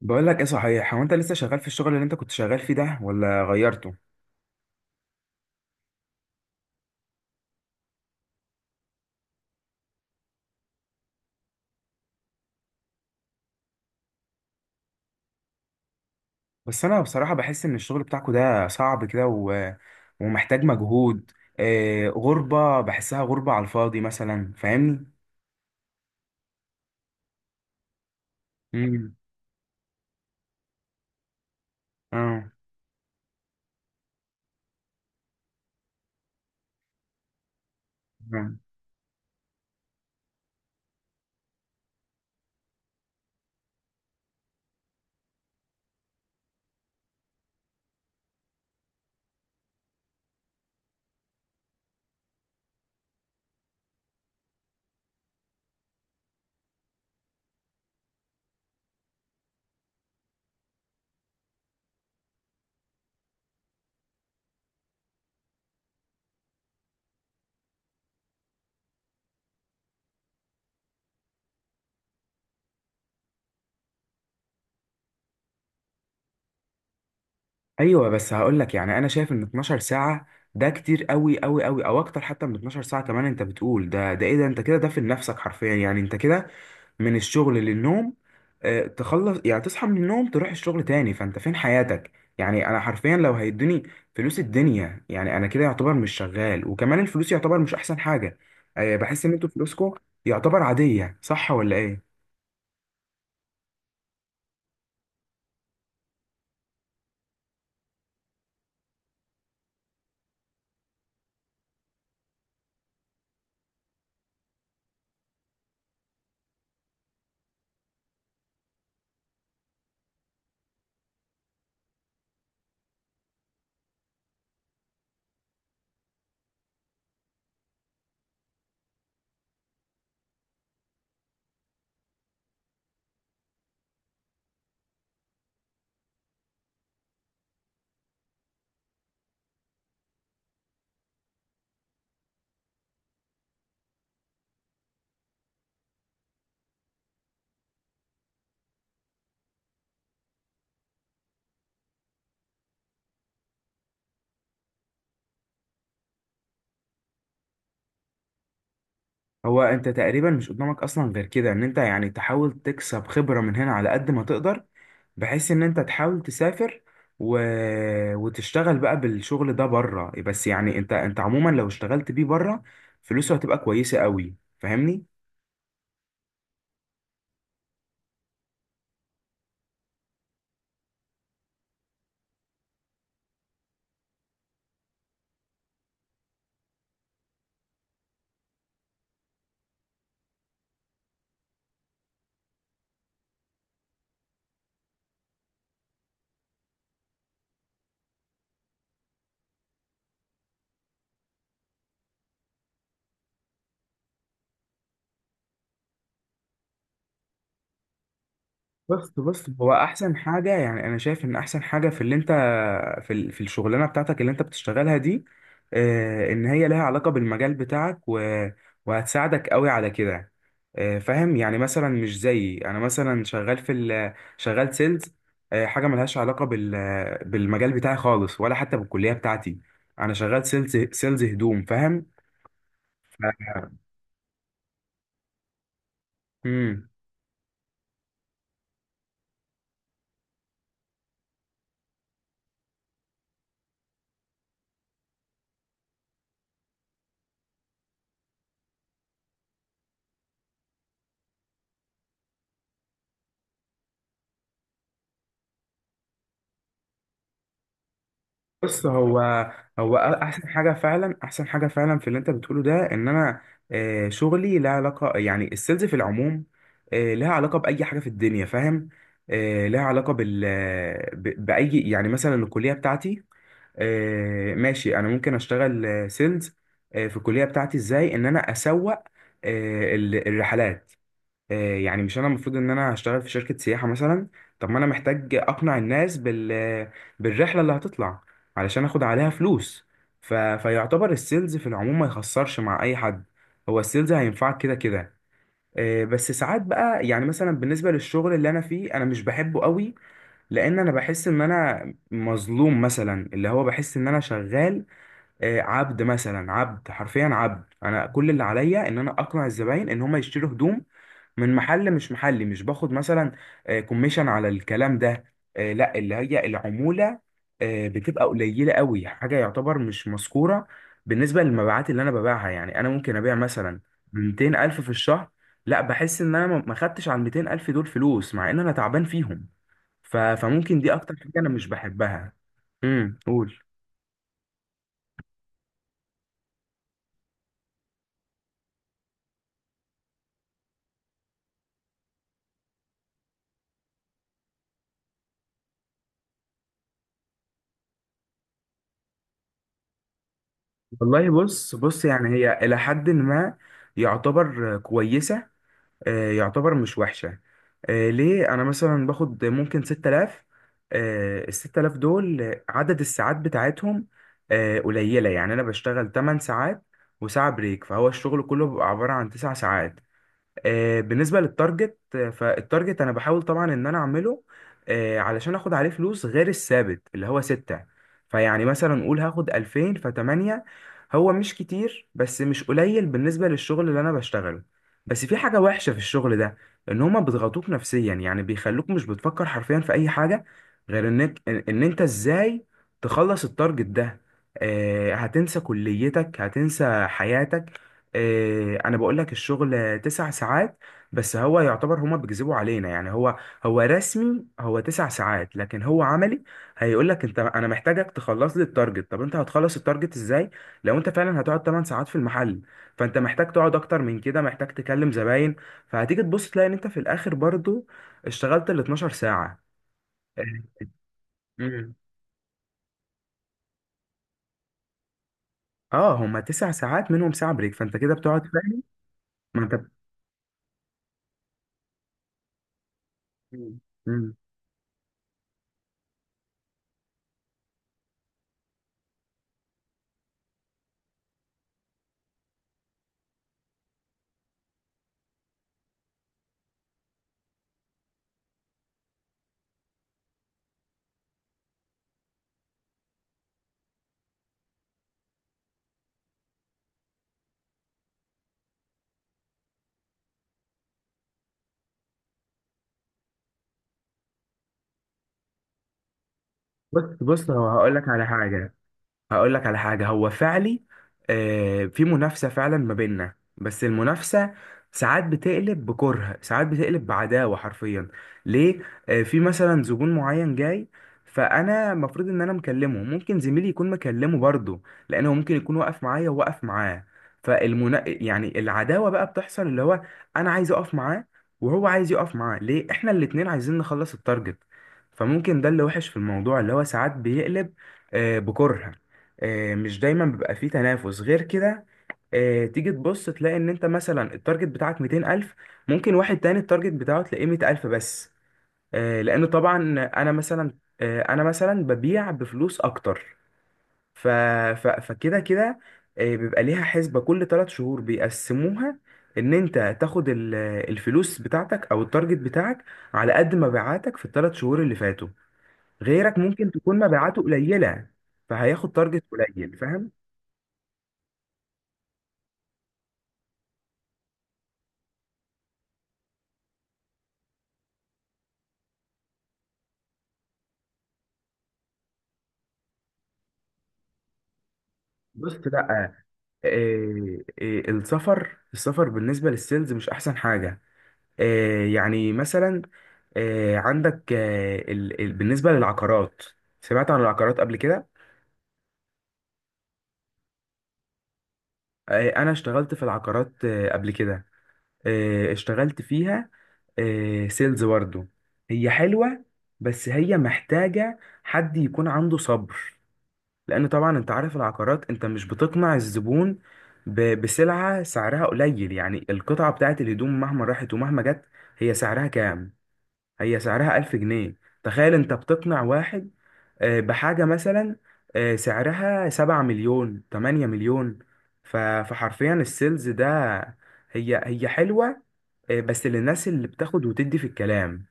بقول لك ايه صحيح؟ هو انت لسه شغال في الشغل اللي انت كنت شغال فيه ده، ولا غيرته؟ بس انا بصراحة بحس ان الشغل بتاعكو ده صعب كده ومحتاج مجهود. آه، غربة، بحسها غربة على الفاضي مثلا، فاهمني؟ امم اه آه. ايوه، بس هقول لك يعني انا شايف ان 12 ساعة ده كتير قوي قوي قوي، او اكتر حتى من 12 ساعة كمان. انت بتقول ده ايه ده، انت كده ده في نفسك حرفيا، يعني انت كده من الشغل للنوم. تخلص يعني تصحى من النوم تروح الشغل تاني، فانت فين حياتك؟ يعني انا حرفيا لو هيدوني فلوس الدنيا، يعني انا كده يعتبر مش شغال. وكمان الفلوس يعتبر مش احسن حاجة. بحس ان انتوا فلوسكم يعتبر عادية، صح ولا ايه؟ هو انت تقريبا مش قدامك اصلا غير كده، ان انت يعني تحاول تكسب خبرة من هنا على قد ما تقدر، بحيث ان انت تحاول تسافر و... وتشتغل بقى بالشغل ده بره. بس يعني انت عموما لو اشتغلت بيه بره، فلوسه هتبقى كويسة قوي، فاهمني؟ بس هو احسن حاجة، يعني انا شايف ان احسن حاجة في اللي انت في في الشغلانه بتاعتك اللي انت بتشتغلها دي، ان هي لها علاقه بالمجال بتاعك وهتساعدك قوي على كده. فاهم؟ يعني مثلا مش زيي انا، مثلا شغال في شغال سيلز، حاجه ملهاش علاقه بالمجال بتاعي خالص، ولا حتى بالكليه بتاعتي. انا شغال سيلز، سيلز هدوم، فاهم؟ ف- مم. بص هو هو احسن حاجه فعلا، احسن حاجه فعلا في اللي انت بتقوله ده، ان انا شغلي لها علاقه، يعني السيلز في العموم لها علاقه باي حاجه في الدنيا، فاهم؟ لها علاقه باي، يعني مثلا الكليه بتاعتي، ماشي، انا ممكن اشتغل سيلز في الكليه بتاعتي. ازاي ان انا اسوق الرحلات؟ يعني مش انا المفروض ان انا هشتغل في شركة سياحة مثلا؟ طب ما انا محتاج اقنع الناس بالرحلة اللي هتطلع، علشان اخد عليها فلوس. فيعتبر السيلز في العموم ما يخسرش مع اي حد. هو السيلز هينفعك كده كده. بس ساعات بقى، يعني مثلا بالنسبة للشغل اللي انا فيه، انا مش بحبه قوي. لان انا بحس ان انا مظلوم، مثلا اللي هو بحس ان انا شغال عبد، مثلا عبد حرفيا عبد. انا كل اللي عليا ان انا اقنع الزباين ان هم يشتروا هدوم من محل، مش محلي، مش باخد مثلا كوميشن على الكلام ده. لا، اللي هي العمولة بتبقى قليلة قوي، حاجة يعتبر مش مذكورة بالنسبة للمبيعات اللي انا ببيعها. يعني انا ممكن ابيع مثلا 200 الف في الشهر، لا بحس ان انا ما خدتش على ال 200 الف دول فلوس، مع ان انا تعبان فيهم. فممكن دي اكتر حاجة انا مش بحبها. امم، قول. والله بص، يعني هي إلى حد ما يعتبر كويسة، يعتبر مش وحشة. ليه؟ أنا مثلا باخد ممكن 6,000. ال 6,000 دول عدد الساعات بتاعتهم قليلة، يعني أنا بشتغل 8 ساعات وساعة بريك، فهو الشغل كله بيبقى عبارة عن 9 ساعات. بالنسبة للتارجت، فالتارجت أنا بحاول طبعا إن أنا أعمله علشان آخد عليه فلوس غير الثابت اللي هو ستة. فيعني مثلا قول هاخد ألفين، فتمانية. هو مش كتير، بس مش قليل بالنسبة للشغل اللي أنا بشتغله. بس في حاجة وحشة في الشغل ده، إن هما بيضغطوك نفسيا. يعني بيخلوك مش بتفكر حرفيا في أي حاجة غير إنك إن إن أنت إزاي تخلص التارجت ده. هتنسى كليتك هتنسى حياتك. انا بقول لك الشغل تسع ساعات، بس هو يعتبر هما بيكذبوا علينا. يعني هو رسمي هو تسع ساعات، لكن هو عملي هيقول لك انت، انا محتاجك تخلص لي التارجت. طب انت هتخلص التارجت ازاي لو انت فعلا هتقعد 8 ساعات في المحل؟ فانت محتاج تقعد اكتر من كده، محتاج تكلم زباين. فهتيجي تبص تلاقي ان انت في الاخر برضو اشتغلت ال 12 ساعة. إيه، مم. اه، هما تسع ساعات منهم ساعة بريك، فانت كده بتقعد، فاهم؟ ما انت. مم. بص بص هو هقول لك على حاجة هقول لك على حاجة. هو فعلي في منافسة فعلا ما بيننا، بس المنافسة ساعات بتقلب بكره، ساعات بتقلب بعداوة حرفيا. ليه؟ في مثلا زبون معين جاي، فانا المفروض ان انا مكلمه، ممكن زميلي يكون مكلمه برضه، لانه ممكن يكون واقف معايا وواقف معاه. فالمنا يعني العداوة بقى بتحصل، اللي هو انا عايز اقف معاه، وهو عايز يقف معاه، ليه؟ احنا الاتنين عايزين نخلص التارجت. فممكن ده اللي وحش في الموضوع، اللي هو ساعات بيقلب بكره. مش دايما بيبقى فيه تنافس غير كده. تيجي تبص تلاقي ان انت مثلا التارجت بتاعك 200,000، ممكن واحد تاني التارجت بتاعه تلاقيه 100,000 بس. لان طبعا انا مثلا، انا مثلا ببيع بفلوس اكتر. ف... فكده كده بيبقى ليها حسبة كل ثلاث شهور بيقسموها، ان انت تاخد الفلوس بتاعتك او التارجت بتاعك على قد مبيعاتك في الثلاث شهور اللي فاتوا. غيرك ممكن تكون مبيعاته قليلة، فهياخد تارجت قليل. بص، لا. إيه السفر، السفر بالنسبة للسيلز مش أحسن حاجة. إيه، يعني مثلا، إيه عندك، إيه ال ال بالنسبة للعقارات. سمعت عن العقارات قبل كده؟ إيه، أنا اشتغلت في العقارات إيه قبل كده، إيه اشتغلت فيها، إيه سيلز برضه. هي حلوة، بس هي محتاجة حد يكون عنده صبر. لان طبعا انت عارف العقارات، انت مش بتقنع الزبون بسلعة سعرها قليل. يعني القطعة بتاعت الهدوم مهما راحت ومهما جت، هي سعرها كام؟ هي سعرها ألف جنيه. تخيل انت بتقنع واحد بحاجة مثلا سعرها سبعة مليون، تمانية مليون. فحرفيا السيلز ده، هي حلوة بس للناس اللي بتاخد وتدي في الكلام.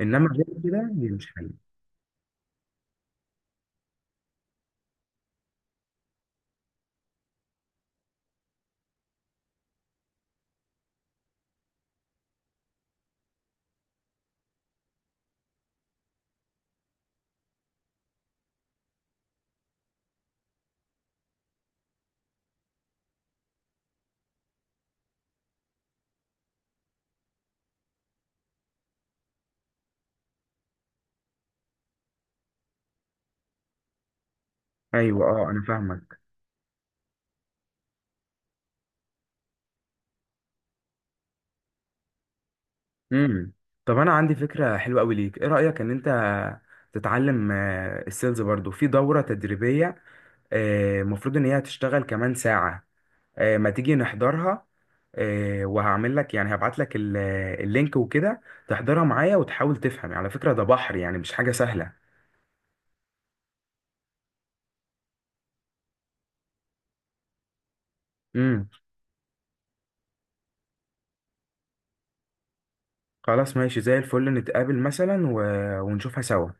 انما غير كده هي مش حلوة. ايوه، اه انا فاهمك. امم، طب انا عندي فكره حلوه قوي ليك. ايه رايك ان انت تتعلم السيلز برضو في دوره تدريبيه؟ المفروض ان هي هتشتغل كمان ساعه. ما تيجي نحضرها؟ وهعمل لك، يعني هبعت لك اللينك وكده، تحضرها معايا وتحاول تفهم. على فكره ده بحر، يعني مش حاجه سهله. امم، خلاص ماشي زي الفل، نتقابل مثلا ونشوفها سوا.